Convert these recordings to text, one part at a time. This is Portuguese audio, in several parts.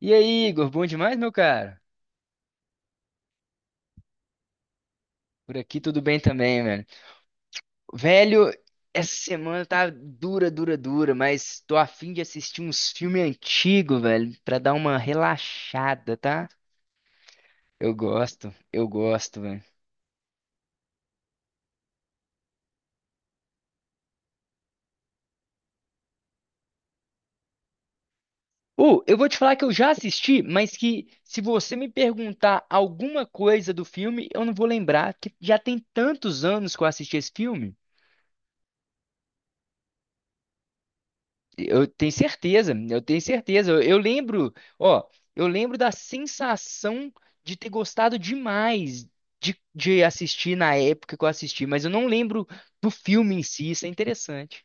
E aí, Igor, bom demais, meu cara? Por aqui tudo bem também, velho. Velho, essa semana tá dura, dura, dura, mas tô a fim de assistir uns filmes antigos, velho, pra dar uma relaxada, tá? Eu gosto, velho. Eu vou te falar que eu já assisti, mas que se você me perguntar alguma coisa do filme, eu não vou lembrar, que já tem tantos anos que eu assisti esse filme. Eu tenho certeza, eu tenho certeza. Eu lembro, ó, eu lembro da sensação de ter gostado demais de assistir na época que eu assisti, mas eu não lembro do filme em si, isso é interessante.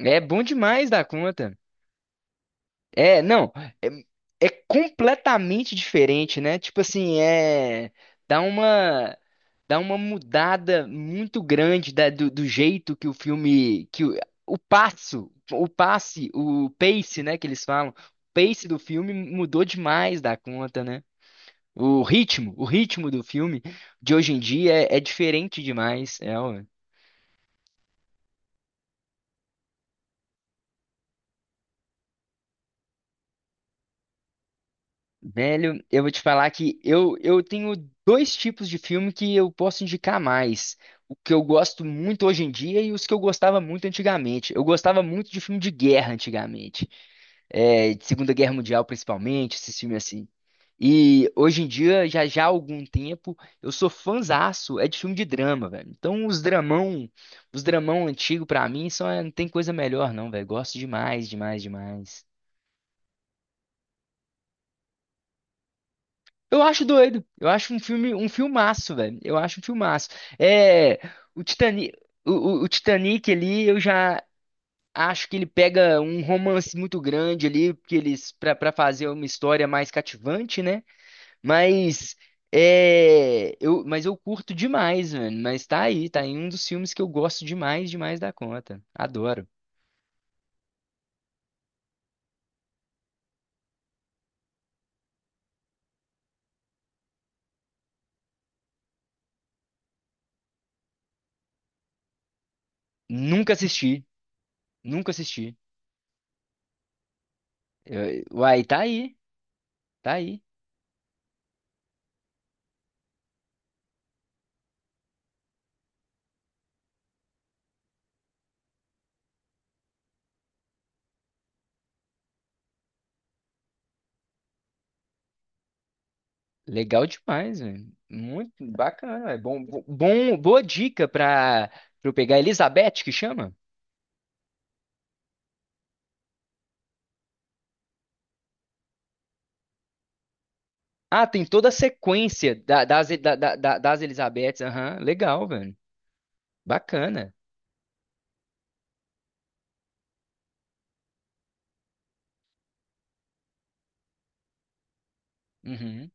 É bom demais da conta. É, não, é, é completamente diferente, né? Tipo assim, dá uma dá uma mudada muito grande da- do jeito que o filme, que o, passo, o passe, o pace, né, que eles falam, o pace do filme mudou demais da conta, né? O ritmo do filme de hoje em dia é, é diferente demais, é. Velho, eu vou te falar que eu tenho dois tipos de filme que eu posso indicar mais. O que eu gosto muito hoje em dia e os que eu gostava muito antigamente. Eu gostava muito de filme de guerra antigamente. É, de Segunda Guerra Mundial, principalmente, esses filmes assim. E hoje em dia, já já há algum tempo, eu sou fãzaço, é de filme de drama, velho. Então, os dramão antigo pra mim, não tem coisa melhor, não, velho. Gosto demais, demais, demais. Eu acho doido. Eu acho um filme, um filmaço, velho. Eu acho um filmaço. É, o Titanic, o Titanic ali, eu já acho que ele pega um romance muito grande ali, porque eles para fazer uma história mais cativante, né? Mas é, eu, mas eu curto demais, mano. Mas tá aí um dos filmes que eu gosto demais, demais da conta. Adoro. Nunca assisti, nunca assisti. Uai, tá aí, tá aí. Legal demais, velho. Muito bacana, é bom, boa dica para eu pegar Elizabeth que chama. Ah, tem toda a sequência da- das, da- da- da- das Elizabeths. Aham, legal, velho. Bacana. Uhum.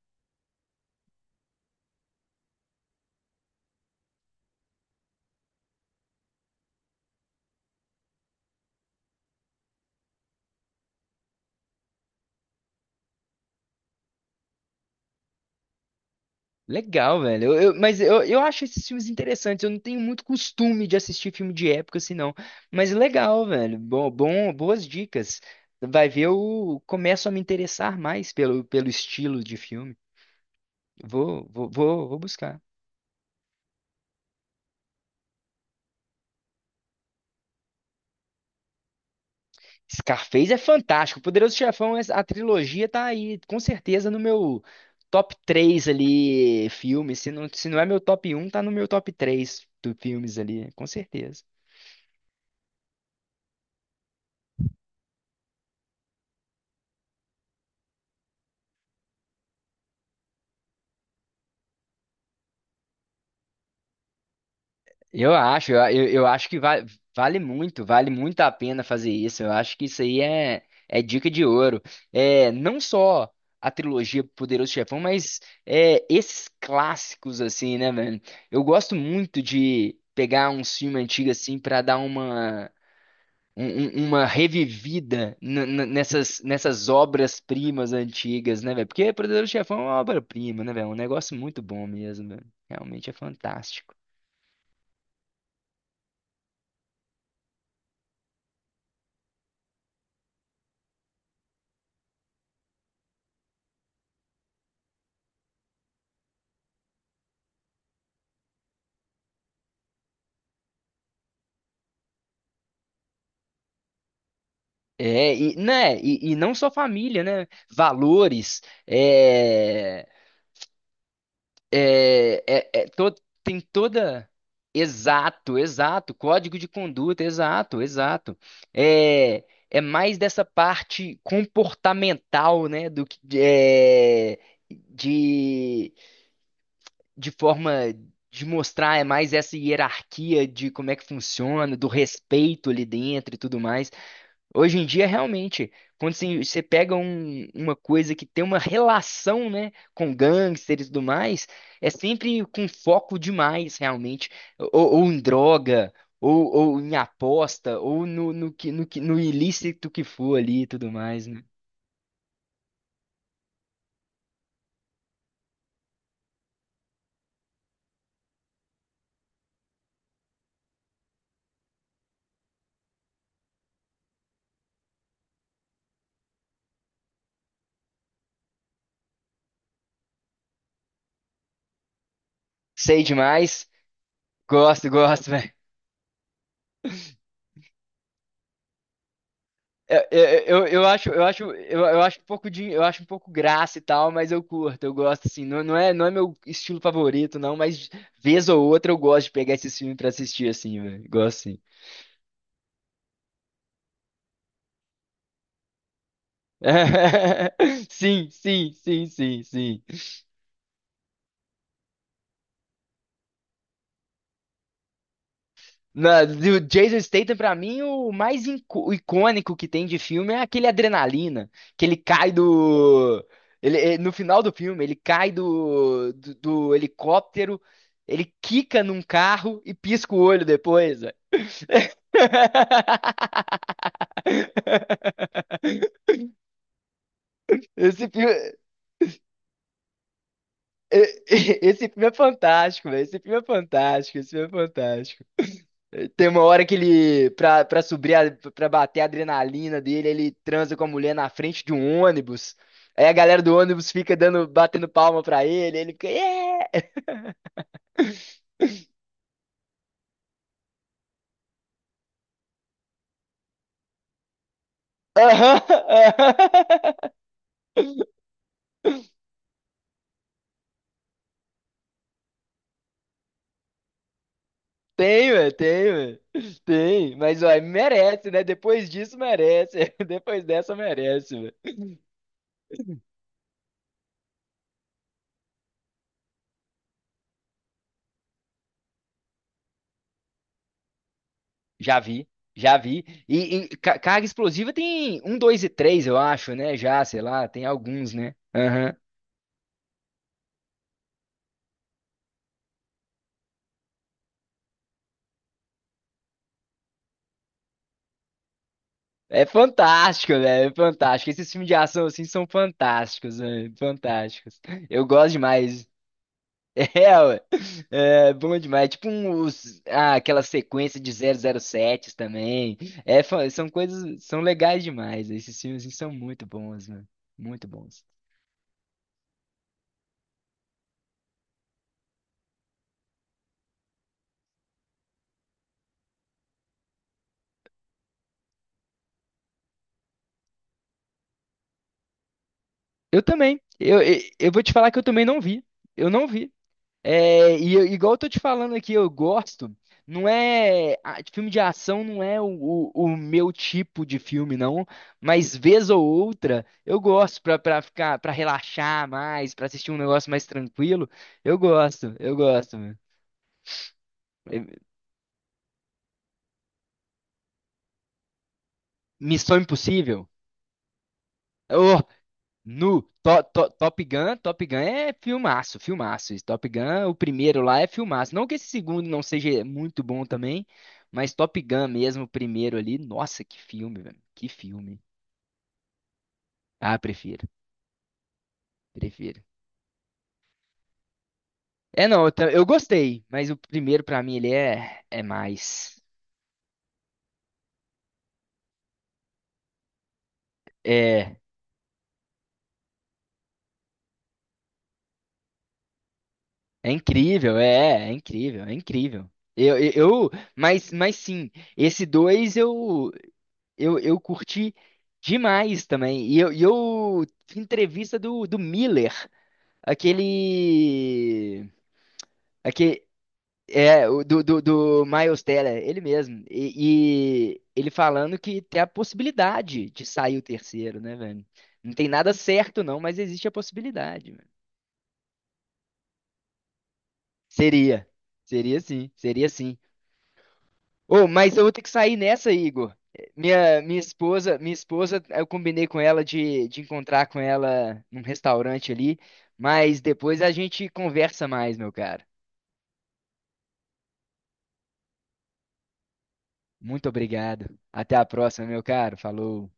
Legal, velho. Mas eu acho esses filmes interessantes. Eu não tenho muito costume de assistir filme de época, assim, não. Mas legal, velho. Bom, bom, boas dicas. Vai ver, eu começo a me interessar mais pelo estilo de filme. Vou, vou, vou, vou buscar. Scarface é fantástico. Poderoso Chefão, a trilogia tá aí, com certeza, no meu top 3 ali, filmes. Se não, se não é meu top um, tá no meu top 3 do filmes ali, com certeza. Eu acho que vale muito, vale muito a pena fazer isso. Eu acho que isso aí é dica de ouro. É, não só a trilogia Poderoso Chefão, mas esses clássicos, assim, né, velho? Eu gosto muito de pegar um filme antigo, assim, pra dar uma revivida nessas obras-primas antigas, né, velho? Porque Poderoso Chefão é uma obra-prima, né, velho? É um negócio muito bom mesmo, velho. Realmente é fantástico. É, e, né, e não só família, né? Valores, é, É, é, é to- tem toda. Exato, exato. Código de conduta, exato, exato. É mais dessa parte comportamental, né? Do que de, de forma de mostrar, é mais essa hierarquia de como é que funciona, do respeito ali dentro e tudo mais. Hoje em dia, realmente, quando você pega uma coisa que tem uma relação, né, com gangsters e tudo mais, é sempre com foco demais, realmente, ou, ou, em droga, ou, ou em aposta, ou no ilícito que for ali e tudo mais, né? Sei demais, gosto, gosto. É, é, é, eu acho, eu acho, eu acho um pouco de, eu acho um pouco graça e tal, mas eu curto, eu gosto assim. Não, não é meu estilo favorito, não, mas vez ou outra eu gosto de pegar esses filmes pra assistir assim, velho. Gosto sim. Sim, sim, sim, sim, sim. Do Jason Statham, pra mim, o mais icônico que tem de filme é aquele Adrenalina, que ele cai do... No final do filme, ele cai do helicóptero, ele quica num carro e pisca o olho depois, velho. Esse filme, eh, esse filme é fantástico, velho. Esse filme é fantástico, esse filme é fantástico. Tem uma hora que ele, pra subir, pra bater a adrenalina dele, ele transa com a mulher na frente de um ônibus. Aí a galera do ônibus fica dando, batendo palma pra ele, ele fica, yeah! Aham, aham. Tem, velho, tem, velho. Tem, mas, ó, merece, né? Depois disso, merece. Depois dessa, merece, velho. Já vi, já vi. E carga explosiva tem um, dois e três, eu acho, né? Já, sei lá, tem alguns, né? Aham. É fantástico, velho. É fantástico. Esses filmes de ação assim são fantásticos, velho. Fantásticos. Eu gosto demais. É, ué. É bom demais. Tipo um, aquela sequência de 007 também. É, são coisas, são legais demais. Esses filmes assim, são muito bons, mano. Muito bons. Eu também. Eu vou te falar que eu também não vi. Eu não vi. É, igual eu tô te falando aqui, eu gosto. Não é, filme de ação não é o meu tipo de filme, não. Mas vez ou outra, eu gosto pra ficar, pra relaxar mais, pra assistir um negócio mais tranquilo. Eu gosto, eu gosto, meu. Eh, Missão Impossível. No to, To- Top Gun, Top Gun é filmaço, filmaço. Esse Top Gun, o primeiro lá é filmaço. Não que esse segundo não seja muito bom também, mas Top Gun mesmo, o primeiro ali, nossa, que filme, velho. Que filme. Ah, prefiro, prefiro. É, não, eu gostei, mas o primeiro pra mim ele é mais. É, é incrível, é incrível, é incrível. Eu, eu, eu- mas sim, esse dois eu curti demais também. E eu entrevista do Miller, aquele, aquele é o do Miles Teller, ele mesmo. E ele falando que tem a possibilidade de sair o terceiro, né, velho? Não tem nada certo não, mas existe a possibilidade, velho. Seria, seria sim, seria sim. Ô, mas eu vou ter que sair nessa, Igor. Minha esposa, minha esposa, eu combinei com ela de encontrar com ela num restaurante ali, mas depois a gente conversa mais, meu caro. Muito obrigado. Até a próxima, meu caro. Falou.